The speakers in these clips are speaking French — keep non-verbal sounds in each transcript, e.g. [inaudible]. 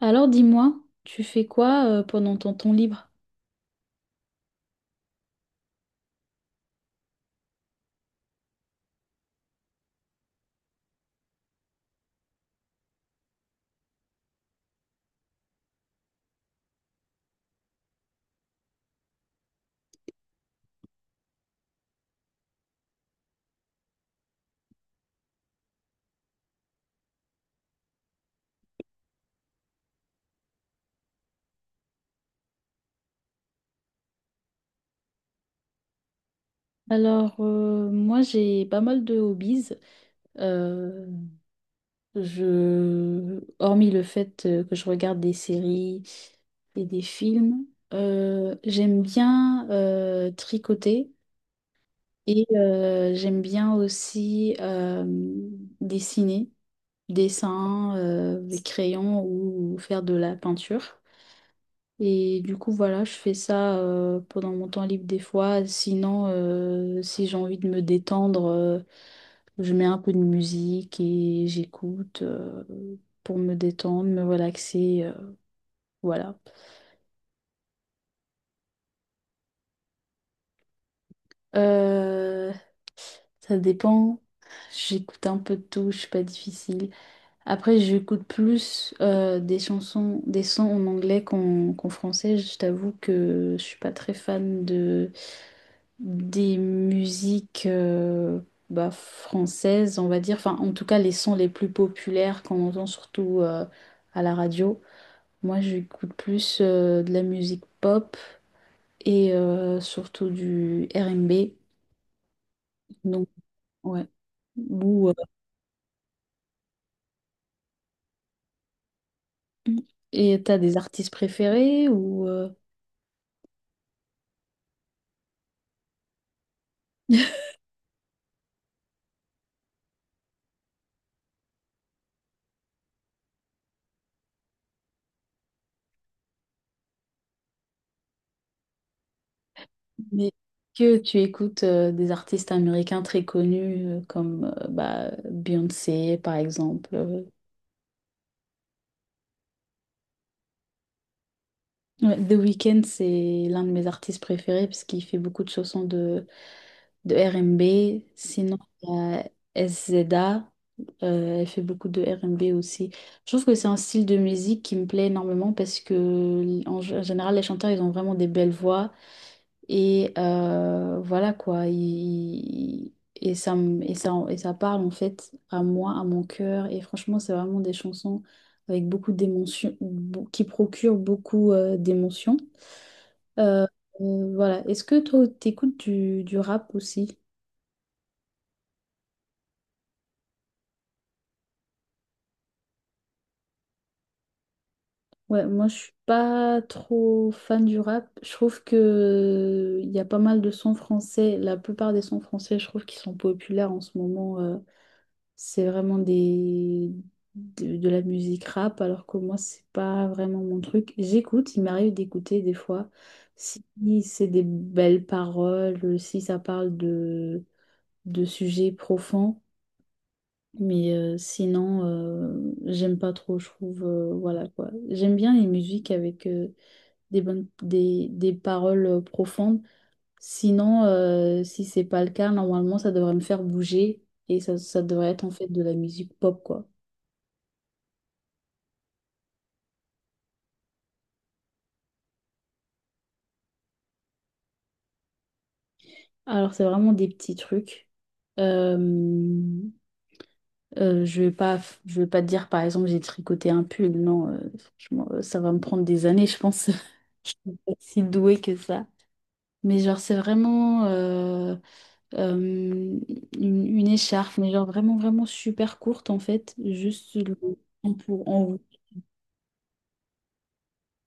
Alors dis-moi, tu fais quoi pendant ton temps libre? Moi j'ai pas mal de hobbies. Euh, Hormis le fait que je regarde des séries et des films, j'aime bien tricoter et j'aime bien aussi dessiner, dessin, des crayons ou faire de la peinture. Et du coup, voilà, je fais ça pendant mon temps libre des fois. Sinon, si j'ai envie de me détendre, je mets un peu de musique et j'écoute pour me détendre, me relaxer. Voilà. Euh, ça dépend. J'écoute un peu de tout, je suis pas difficile. Après, j'écoute plus des chansons, des sons en anglais qu'en français. Je t'avoue que je suis pas très fan de des musiques bah, françaises, on va dire, enfin en tout cas les sons les plus populaires qu'on entend surtout à la radio. Moi j'écoute plus de la musique pop et surtout du R&B. Donc ouais. Ou, euh, et t'as des artistes préférés ou [laughs] mais que tu écoutes des artistes américains très connus comme bah, Beyoncé par exemple. Ouais, The Weeknd, c'est l'un de mes artistes préférés parce qu'il fait beaucoup de chansons de R&B. Sinon, il y a SZA, elle fait beaucoup de R&B aussi. Je trouve que c'est un style de musique qui me plaît énormément parce que, en général, les chanteurs, ils ont vraiment des belles voix. Et voilà quoi. Ils- et, ça, me- et ça parle en fait à moi, à mon cœur. Et franchement, c'est vraiment des chansons avec beaucoup d'émotions, qui procurent beaucoup d'émotions. Euh, voilà. Est-ce que toi, t'écoutes du rap aussi? Ouais, moi, je suis pas trop fan du rap. Je trouve que il y a pas mal de sons français. La plupart des sons français, je trouve qu'ils sont populaires en ce moment. C'est vraiment des de la musique rap, alors que moi, c'est pas vraiment mon truc. J'écoute, il m'arrive d'écouter des fois. Si c'est des belles paroles, si ça parle de sujets profonds. Mais sinon, j'aime pas trop, je trouve. Voilà quoi. J'aime bien les musiques avec des des paroles profondes. Sinon, si c'est pas le cas, normalement, ça devrait me faire bouger et ça devrait être en fait de la musique pop quoi. Alors, c'est vraiment des petits trucs. Euh, je vais pas, je vais pas te dire par exemple, j'ai tricoté un pull. Non, franchement, ça va me prendre des années, je pense. [laughs] Je suis pas si douée que ça. Mais genre, c'est vraiment. Euh, une, une écharpe, mais genre vraiment, vraiment super courte en fait, juste le en pour en haut.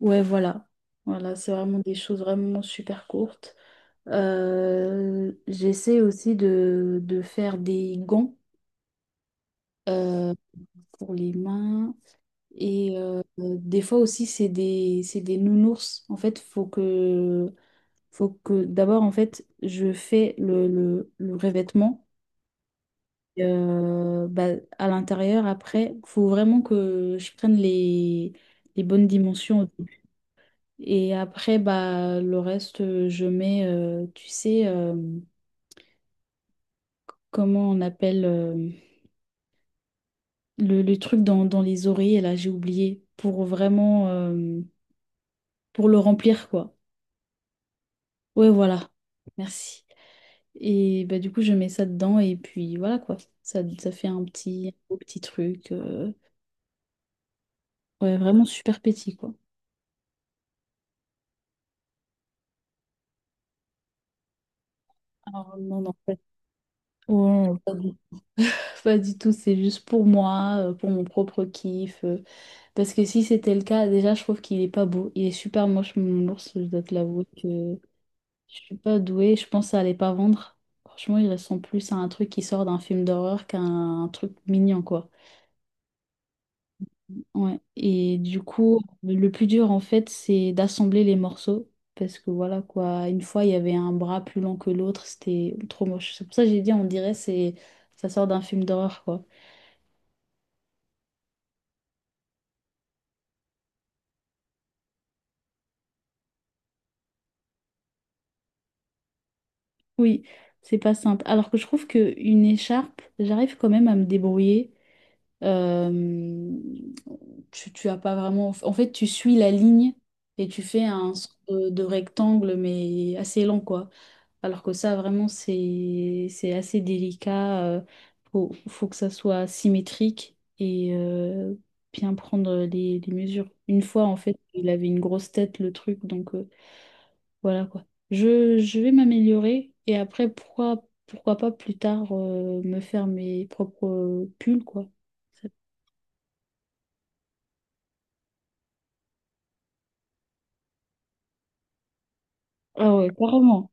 Ouais, voilà. Voilà, c'est vraiment des choses vraiment super courtes. J'essaie aussi de faire des gants euh, pour les mains. Et des fois aussi, c'est des nounours. En fait, faut que d'abord, en fait, je fais le revêtement. Et, bah, à l'intérieur, après, faut vraiment que je prenne les bonnes dimensions. Au début. Et après, bah, le reste, je mets, tu sais, comment on appelle le truc dans les oreillers, là, j'ai oublié, pour vraiment, pour le remplir, quoi. Ouais, voilà, merci. Et bah, du coup, je mets ça dedans et puis voilà, quoi. Ça fait un petit, un beau petit truc. Ouais, vraiment super petit, quoi. Alors, non, non, en fait. Pas du tout, c'est juste pour moi, pour mon propre kiff. Parce que si c'était le cas, déjà, je trouve qu'il est pas beau. Il est super moche, mon ours, je dois te l'avouer que je suis pas douée. Je pense à les pas vendre. Franchement, il ressemble plus à un truc qui sort d'un film d'horreur qu'à un truc mignon, quoi. Ouais. Et du coup, le plus dur, en fait, c'est d'assembler les morceaux. Parce que voilà, quoi. Une fois, il y avait un bras plus long que l'autre, c'était trop moche. C'est pour ça que j'ai dit, on dirait, c'est ça sort d'un film d'horreur, quoi. Oui, c'est pas simple. Alors que je trouve que une écharpe, j'arrive quand même à me débrouiller. Euh, tu as pas vraiment. En fait, tu suis la ligne et tu fais un sorte de rectangle, mais assez lent, quoi. Alors que ça, vraiment, c'est assez délicat. Faut que ça soit symétrique et bien prendre les mesures. Une fois, en fait, il avait une grosse tête, le truc, donc. Voilà quoi. Je vais m'améliorer et après, pourquoi pas plus tard me faire mes propres pulls, quoi. Ça- Ah ouais, carrément.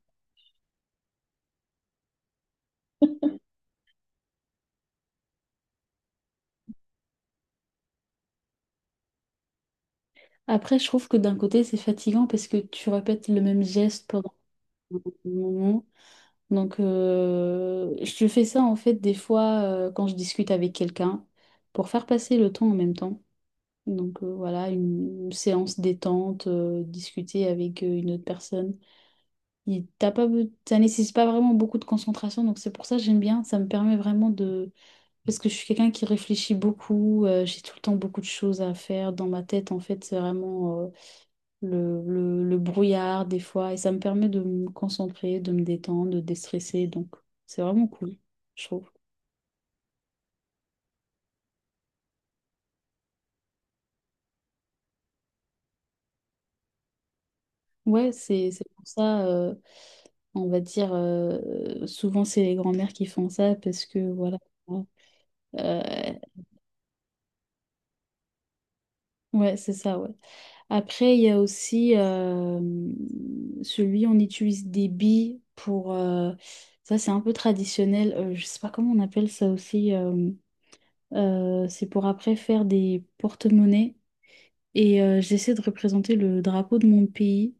Après, je trouve que d'un côté, c'est fatigant parce que tu répètes le même geste pendant un moment. Donc, je fais ça en fait des fois quand je discute avec quelqu'un pour faire passer le temps en même temps. Donc, voilà, une séance détente, discuter avec une autre personne. Il- T'as pas, be- ça nécessite pas vraiment beaucoup de concentration, donc c'est pour ça que j'aime bien. Ça me permet vraiment de... Parce que je suis quelqu'un qui réfléchit beaucoup, j'ai tout le temps beaucoup de choses à faire dans ma tête. En fait, c'est vraiment le brouillard des fois, et ça me permet de me concentrer, de me détendre, de déstresser. Donc, c'est vraiment cool, je trouve. Ouais, c'est pour ça, on va dire, souvent c'est les grands-mères qui font ça, parce que voilà. Euh, ouais, c'est ça, ouais. Après, il y a aussi celui, on utilise des billes pour... ça, c'est un peu traditionnel. Je sais pas comment on appelle ça aussi. C'est pour après faire des porte-monnaies. Et j'essaie de représenter le drapeau de mon pays.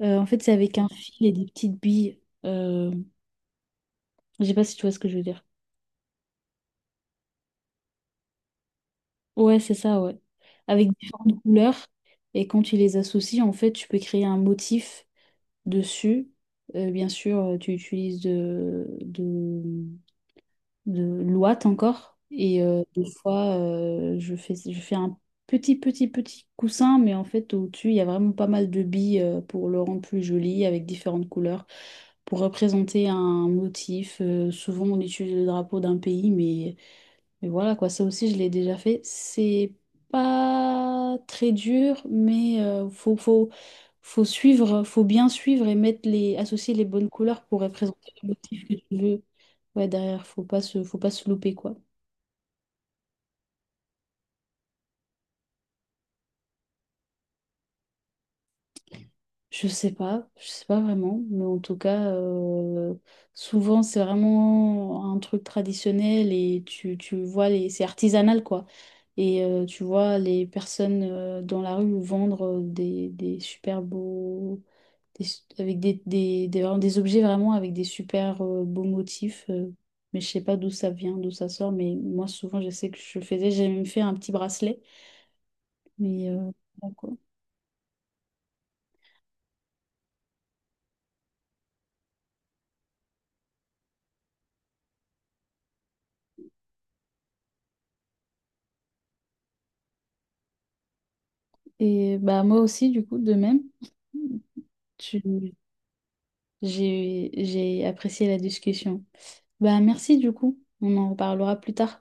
En fait, c'est avec un fil et des petites billes. Je sais pas si tu vois ce que je veux dire. Ouais, c'est ça, ouais. Avec différentes couleurs. Et quand tu les associes, en fait, tu peux créer un motif. Dessus. Bien sûr, tu utilises de l'ouate encore. Et des fois, je fais un petit coussin, mais en fait, au-dessus, il y a vraiment pas mal de billes pour le rendre plus joli, avec différentes couleurs, pour représenter un motif. Souvent, on utilise le drapeau d'un pays, mais voilà, quoi, ça aussi, je l'ai déjà fait. C'est pas très dur, mais faut suivre, faut bien suivre et mettre les, associer les bonnes couleurs pour représenter le motif que tu veux. Ouais, derrière, faut pas se louper, quoi. Je sais pas vraiment, mais en tout cas, souvent c'est vraiment un truc traditionnel et tu vois les, c'est artisanal quoi. Et tu vois les personnes dans la rue vendre des super beaux, avec vraiment des objets vraiment avec des super beaux motifs. Mais je sais pas d'où ça vient, d'où ça sort, mais moi souvent je sais que je faisais, j'ai même fait un petit bracelet. Mais bon, quoi. Et bah moi aussi du coup de même. Tu- j'ai apprécié la discussion. Bah merci du coup. On en reparlera plus tard.